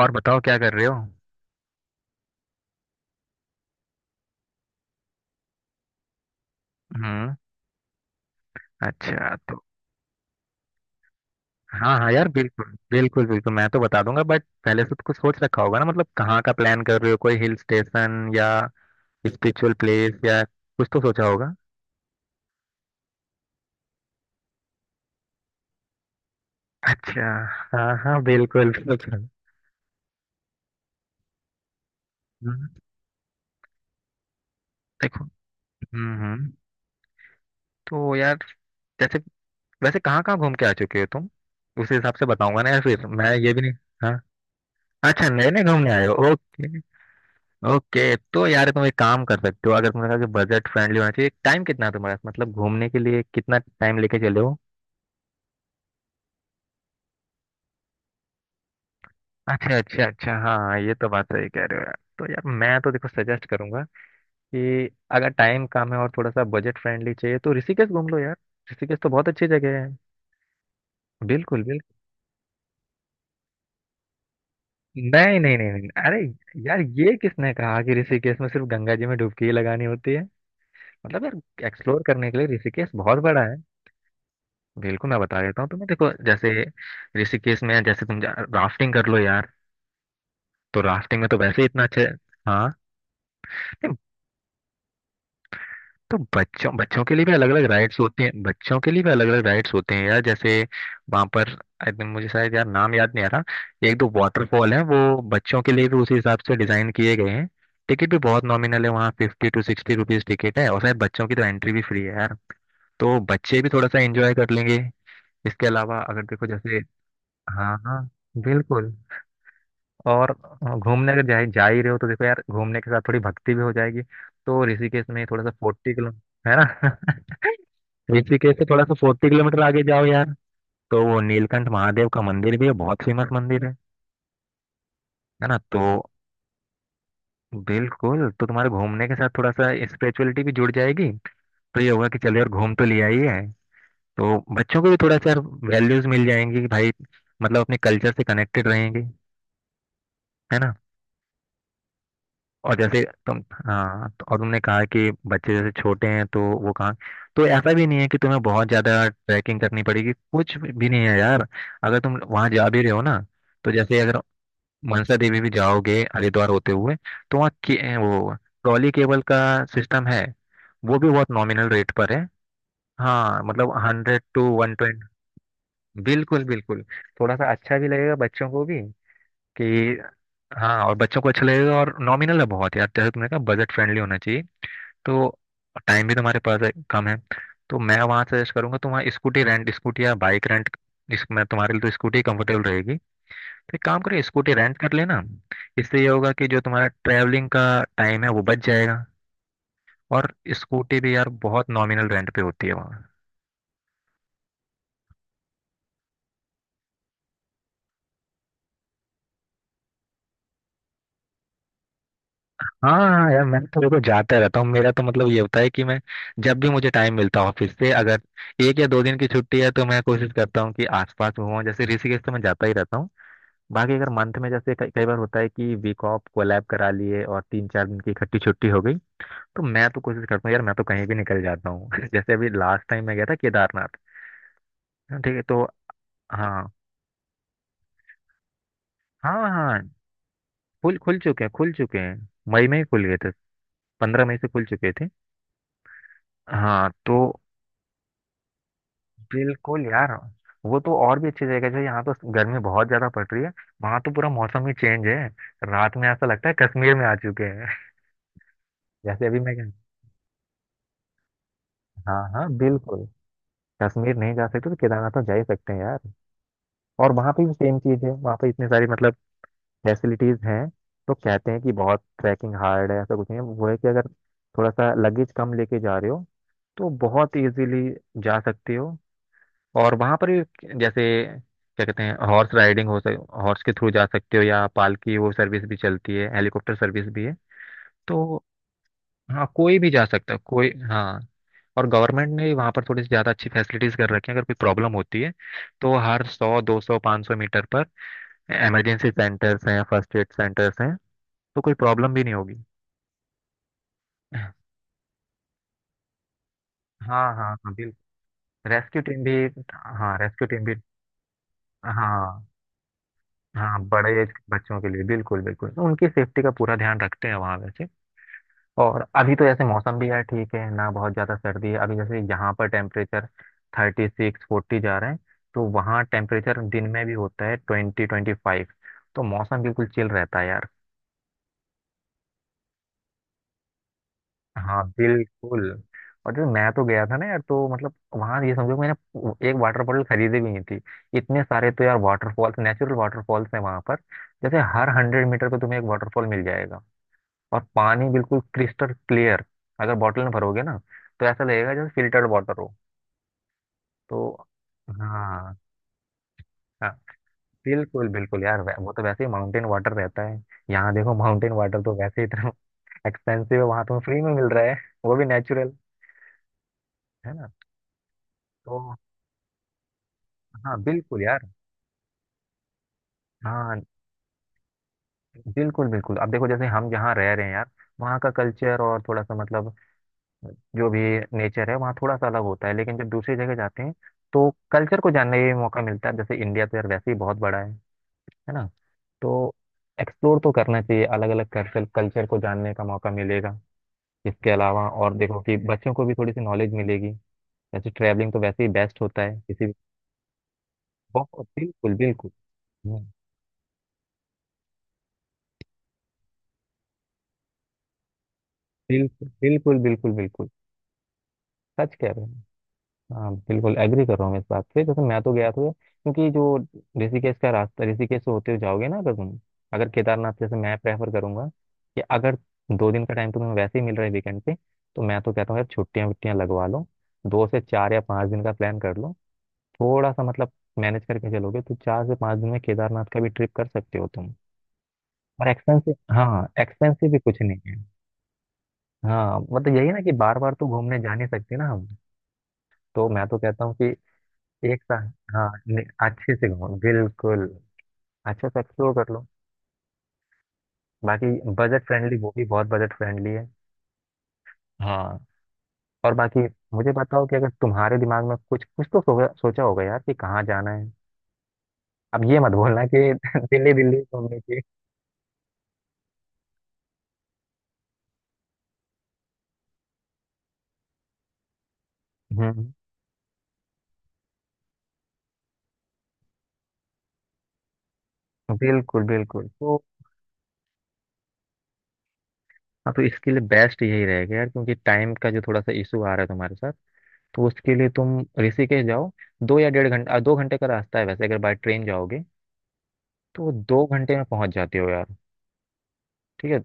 और बताओ क्या कर रहे हो। हम्म। अच्छा, तो हाँ हाँ यार बिल्कुल। बिल्कुल बिल्कुल मैं तो बता दूंगा, बट पहले से तो कुछ सोच रखा होगा ना। मतलब कहाँ का प्लान कर रहे हो, कोई हिल स्टेशन या स्पिरिचुअल प्लेस या कुछ तो सोचा होगा। अच्छा। हाँ हाँ बिल्कुल बिल्कुल। हम्म। देखो। हम्म। तो यार, जैसे, वैसे कहाँ कहाँ घूम के आ चुके हो तुम, उस हिसाब से बताऊंगा ना यार, फिर मैं ये भी नहीं। हाँ। अच्छा, नए नए घूमने आए हो, ओके। ओके, तो यार तुम एक काम कर सकते हो, अगर तुमने कहा कि बजट फ्रेंडली होना चाहिए, टाइम कितना है तुम्हारे पास, मतलब घूमने के लिए कितना टाइम लेके चले हो। अच्छा अच्छा अच्छा, हाँ ये तो बात सही कह रहे हो यार। तो यार मैं तो देखो सजेस्ट करूंगा कि अगर टाइम कम है और थोड़ा सा बजट फ्रेंडली चाहिए तो ऋषिकेश घूम लो यार। ऋषिकेश तो बहुत अच्छी जगह है। बिल्कुल बिल्कुल। नहीं नहीं नहीं नहीं, अरे यार ये किसने कहा कि ऋषिकेश में सिर्फ गंगा जी में डुबकी ही लगानी होती है। मतलब यार एक्सप्लोर करने के लिए ऋषिकेश बहुत बड़ा है। बिल्कुल मैं बता देता हूँ तुम्हें। देखो जैसे ऋषिकेश में जैसे तुम राफ्टिंग कर लो यार, तो राफ्टिंग में तो वैसे ही इतना अच्छा। हाँ। नहीं, तो बच्चों बच्चों के लिए भी अलग अलग राइड्स होते हैं, बच्चों के लिए भी अलग अलग राइड्स होते हैं यार। जैसे वहाँ पर एकदम, मुझे शायद यार नाम याद नहीं आ रहा, एक दो वाटरफॉल है वो बच्चों के लिए भी उसी हिसाब से डिजाइन किए गए हैं। टिकट भी बहुत नॉमिनल है, वहाँ 50-60 रुपीज टिकट है और शायद बच्चों की तो एंट्री भी फ्री है यार। तो बच्चे भी थोड़ा सा एंजॉय कर लेंगे। इसके अलावा अगर देखो जैसे, हाँ हाँ बिल्कुल। और घूमने अगर जा ही जा ही रहे हो तो देखो यार घूमने के साथ थोड़ी भक्ति भी हो जाएगी। तो ऋषिकेश में थोड़ा सा 40 किलो, है ना। ऋषिकेश से थोड़ा सा 40 किलोमीटर आगे जाओ यार, तो वो नीलकंठ महादेव का मंदिर भी है, बहुत फेमस मंदिर है। है ना, तो बिल्कुल, तो तुम्हारे घूमने के साथ थोड़ा सा स्पिरिचुअलिटी भी जुड़ जाएगी। तो ये होगा कि चलो यार, घूम तो लिया ही है, तो बच्चों को भी थोड़ा सा यार वैल्यूज मिल जाएंगी कि भाई, मतलब अपने कल्चर से कनेक्टेड रहेंगे। है ना। और जैसे तुम, हाँ तो, और तुमने कहा कि बच्चे जैसे छोटे हैं तो वो कहाँ, तो ऐसा भी नहीं है कि तुम्हें बहुत ज्यादा ट्रैकिंग करनी पड़ेगी, कुछ भी नहीं है यार। अगर तुम वहाँ जा भी रहे हो ना, तो जैसे अगर मनसा देवी भी जाओगे हरिद्वार होते हुए तो वहाँ वो ट्रॉली केबल का सिस्टम है। वो भी बहुत नॉमिनल रेट पर है। हाँ मतलब 100-120। बिल्कुल बिल्कुल। थोड़ा सा अच्छा भी लगेगा बच्चों को भी कि, हाँ, और बच्चों को अच्छा लगेगा और नॉमिनल है बहुत यार। जैसे तुमने कहा बजट फ्रेंडली होना चाहिए, तो टाइम भी तुम्हारे पास है, कम है। तो मैं वहाँ सजेस्ट करूंगा तुम वहाँ स्कूटी रेंट, स्कूटी या बाइक रेंट, इसमें तुम्हारे लिए तो स्कूटी कंफर्टेबल रहेगी। तो एक काम करो स्कूटी रेंट कर लेना। इससे ये होगा कि जो तुम्हारा ट्रैवलिंग का टाइम है वो बच जाएगा। और स्कूटी भी यार बहुत नॉमिनल रेंट पे होती है वहाँ। हाँ हाँ हाँ, यार मैं तो देखो जाता रहता हूँ। मेरा तो मतलब ये होता है कि मैं, जब भी मुझे टाइम मिलता है ऑफिस से, अगर एक या दो दिन की छुट्टी है तो मैं कोशिश करता हूँ कि आसपास घूमूं। जैसे ऋषिकेश तो मैं जाता ही रहता हूँ। बाकी अगर मंथ में जैसे कई कई बार होता है कि वीक ऑफ कोलैब करा लिए और तीन चार दिन की इकट्ठी छुट्टी हो गई, तो मैं तो कोशिश करता हूँ यार, मैं तो कहीं भी निकल जाता हूँ। जैसे अभी लास्ट टाइम मैं गया था केदारनाथ। हाँ, ठीक है, तो हाँ हाँ हाँ, खुल खुल चुके हैं खुल चुके हैं, मई में ही खुल गए थे। 15 मई से खुल चुके थे। हाँ तो बिल्कुल यार, वो तो और भी अच्छी जगह है। जैसे यहाँ तो गर्मी बहुत ज्यादा पड़ रही है, वहां तो पूरा मौसम ही चेंज है। रात में ऐसा लगता है कश्मीर में आ चुके हैं। जैसे अभी मैं, हाँ हाँ बिल्कुल, कश्मीर नहीं जा सकते तो केदारनाथ तो जा ही सकते हैं यार। और वहाँ पे भी सेम चीज है। वहाँ पे इतनी सारी मतलब फैसिलिटीज हैं। तो कहते हैं कि बहुत ट्रैकिंग हार्ड है, ऐसा कुछ नहीं है। वो है कि अगर थोड़ा सा लगेज कम लेके जा रहे हो तो बहुत इजीली जा सकते हो। और वहां पर भी जैसे क्या कहते हैं, हॉर्स राइडिंग, हो सक, हॉर्स के थ्रू जा सकते हो, या पालकी वो सर्विस भी चलती है, हेलीकॉप्टर सर्विस भी है। तो हाँ कोई भी जा सकता है, कोई, हाँ। और गवर्नमेंट ने वहाँ पर थोड़ी सी ज़्यादा अच्छी फैसिलिटीज़ कर रखी हैं। अगर कोई प्रॉब्लम होती है तो हर 100, 200, 500 मीटर पर इमरजेंसी सेंटर्स हैं, फर्स्ट एड सेंटर्स हैं, तो कोई प्रॉब्लम भी नहीं होगी। हाँ हाँ हाँ बिल्कुल। रेस्क्यू टीम भी, हाँ रेस्क्यू टीम भी। हाँ हाँ, बड़े एज के बच्चों के लिए बिल्कुल बिल्कुल, तो उनकी सेफ्टी का पूरा ध्यान रखते हैं वहाँ वैसे। और अभी तो ऐसे मौसम भी है, ठीक है ना, बहुत ज़्यादा सर्दी है, अभी जैसे यहाँ पर टेम्परेचर 36-40 जा रहे हैं, तो वहाँ टेम्परेचर दिन में भी होता है 20-25, तो मौसम बिल्कुल चिल रहता है यार। हाँ बिल्कुल। और जैसे मैं तो गया था ना यार तो मतलब वहाँ ये समझो मैंने एक वाटर बॉटल खरीदी भी नहीं थी। इतने सारे तो यार वाटरफॉल्स, नेचुरल वाटरफॉल्स हैं वहाँ पर। जैसे हर 100 मीटर पे तुम्हें एक वाटरफॉल मिल जाएगा और पानी बिल्कुल क्रिस्टल क्लियर। अगर बॉटल में भरोगे ना तो ऐसा लगेगा जैसे फिल्टर्ड वाटर हो। तो, हाँ हाँ बिल्कुल बिल्कुल यार, वो तो वैसे ही माउंटेन वाटर रहता है। यहाँ देखो माउंटेन वाटर तो वैसे ही इतना एक्सपेंसिव है, वहाँ तुम्हें फ्री में मिल रहा है, वो भी नेचुरल। है ना, तो हाँ बिल्कुल यार। हाँ बिल्कुल बिल्कुल, अब देखो जैसे हम जहाँ रह रहे हैं यार, वहाँ का कल्चर और थोड़ा सा मतलब जो भी नेचर है वहाँ थोड़ा सा अलग होता है, लेकिन जब दूसरी जगह जाते हैं तो कल्चर को जानने का भी मौका मिलता है। जैसे इंडिया तो यार वैसे ही बहुत बड़ा है ना, तो एक्सप्लोर तो करना चाहिए, अलग अलग कल्चर, कल्चर को जानने का मौका मिलेगा। इसके अलावा और देखो कि बच्चों को भी थोड़ी सी नॉलेज मिलेगी। वैसे ट्रैवलिंग तो वैसे ही बेस्ट होता है किसी भी। बहुत बिल्कुल बिल्कुल। हम्म। बिल्कुल बिल्कुल बिल्कुल बिल्कुल, सच कह रहे हो। हाँ बिल्कुल एग्री कर रहा हूँ मैं इस बात से। जैसे मैं तो गया था क्योंकि जो ऋषिकेश का रास्ता, ऋषिकेश से होते हुए जाओगे ना अगर तुम, अगर केदारनाथ, जैसे मैं प्रेफर करूंगा कि अगर दो दिन का टाइम तुम्हें वैसे ही मिल रहा है वीकेंड पे, तो मैं तो कहता हूँ यार छुट्टियाँ वुट्टियाँ लगवा लो, दो से चार या पाँच दिन का प्लान कर लो। थोड़ा सा मतलब मैनेज करके चलोगे तो चार से पाँच दिन में केदारनाथ का भी ट्रिप कर सकते हो तुम। और एक्सपेंसिव, हाँ एक्सपेंसिव भी कुछ नहीं है। हाँ मतलब यही ना कि बार बार तो घूमने जा नहीं सकते ना हम। तो मैं तो कहता हूँ कि एक साथ, हाँ, अच्छे से घूमो, बिल्कुल अच्छा सा एक्सप्लोर कर लो। बाकी बजट फ्रेंडली, वो भी बहुत बजट फ्रेंडली है। हाँ। और बाकी मुझे बताओ कि अगर तुम्हारे दिमाग में कुछ कुछ तो सोचा होगा यार कि कहाँ जाना है। अब ये मत बोलना कि दिल्ली दिल्ली घूमने की। हम्म। बिल्कुल बिल्कुल, तो हाँ तो इसके लिए बेस्ट यही रहेगा यार, क्योंकि टाइम का जो थोड़ा सा इशू आ रहा है तुम्हारे साथ, तो उसके लिए तुम ऋषिकेश जाओ। दो या डेढ़ घंटा, दो घंटे का रास्ता है वैसे, अगर बाय ट्रेन जाओगे तो दो घंटे में पहुंच जाते हो यार। ठीक है।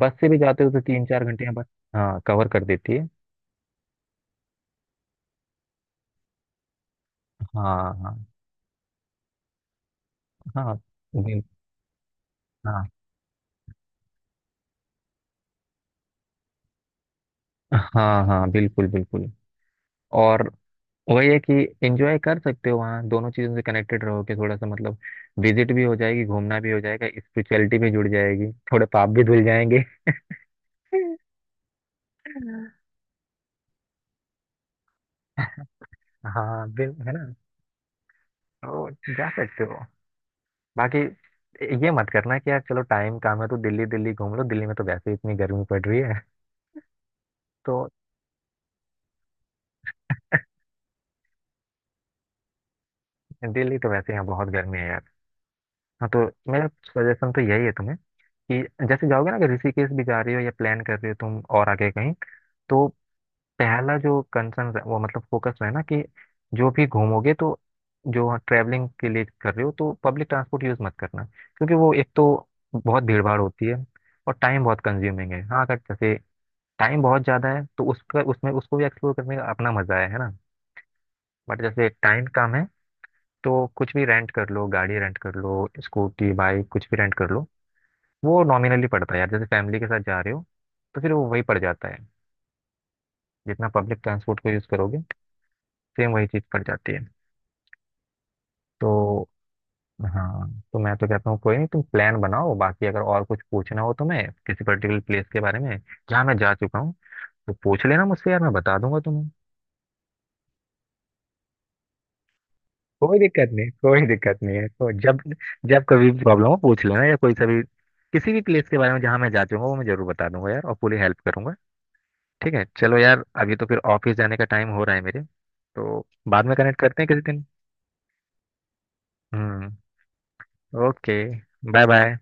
बस से भी जाते हो तो तीन चार घंटे में बस, हाँ, कवर कर देती है। हाँ हाँ हाँ बिल- हाँ हाँ हाँ बिल्कुल बिल्कुल। और वही है कि एंजॉय कर सकते हो वहाँ, दोनों चीज़ों से कनेक्टेड रहोगे थोड़ा सा मतलब, विजिट भी हो जाएगी, घूमना भी हो जाएगा, स्पिरिचुअलिटी भी जुड़ जाएगी, थोड़े पाप भी धुल जाएंगे। हाँ, बिल, है ना, तो जा सकते हो। बाकी ये मत करना कि यार चलो टाइम काम है तो दिल्ली दिल्ली घूम लो, दिल्ली में तो वैसे ही इतनी गर्मी पड़ रही है, तो दिल्ली तो वैसे यहाँ बहुत गर्मी है यार। हाँ तो मेरा सजेशन तो यही है तुम्हें, कि जैसे जाओगे ना अगर ऋषिकेश भी जा रही हो या प्लान कर रही हो तुम और आगे कहीं, तो पहला जो कंसर्न वो मतलब फोकस है ना, कि जो भी घूमोगे तो जो ट्रैवलिंग के लिए कर रहे हो, तो पब्लिक ट्रांसपोर्ट यूज़ मत करना, क्योंकि वो एक तो बहुत भीड़ भाड़ होती है और टाइम बहुत कंज्यूमिंग है। हाँ अगर जैसे टाइम बहुत ज़्यादा है तो उसका उसमें उसको भी एक्सप्लोर करने का अपना मज़ा है ना। बट जैसे टाइम कम है तो कुछ भी रेंट कर लो, गाड़ी रेंट कर लो, स्कूटी बाइक कुछ भी रेंट कर लो। वो नॉमिनली पड़ता है यार, जैसे फैमिली के साथ जा रहे हो तो फिर वो वही पड़ जाता है जितना पब्लिक ट्रांसपोर्ट को यूज़ करोगे, सेम वही चीज़ पड़ जाती है। तो हाँ, तो मैं तो कहता हूँ कोई नहीं, तुम प्लान बनाओ, बाकी अगर और कुछ पूछना हो तुम्हें किसी पर्टिकुलर प्लेस के बारे में जहाँ मैं जा चुका हूँ, तो पूछ लेना मुझसे यार मैं बता दूंगा तुम्हें। कोई दिक्कत नहीं, कोई दिक्कत नहीं है तो, जब जब कभी भी प्रॉब्लम हो पूछ लेना, या कोई सा भी किसी भी प्लेस के बारे में जहाँ मैं जा चुका हूँ वो मैं जरूर बता दूंगा यार और पूरी हेल्प करूंगा। ठीक है चलो यार, अभी तो फिर ऑफिस जाने का टाइम हो रहा है मेरे, तो बाद में कनेक्ट करते हैं किसी दिन। हम्म। Okay, bye bye.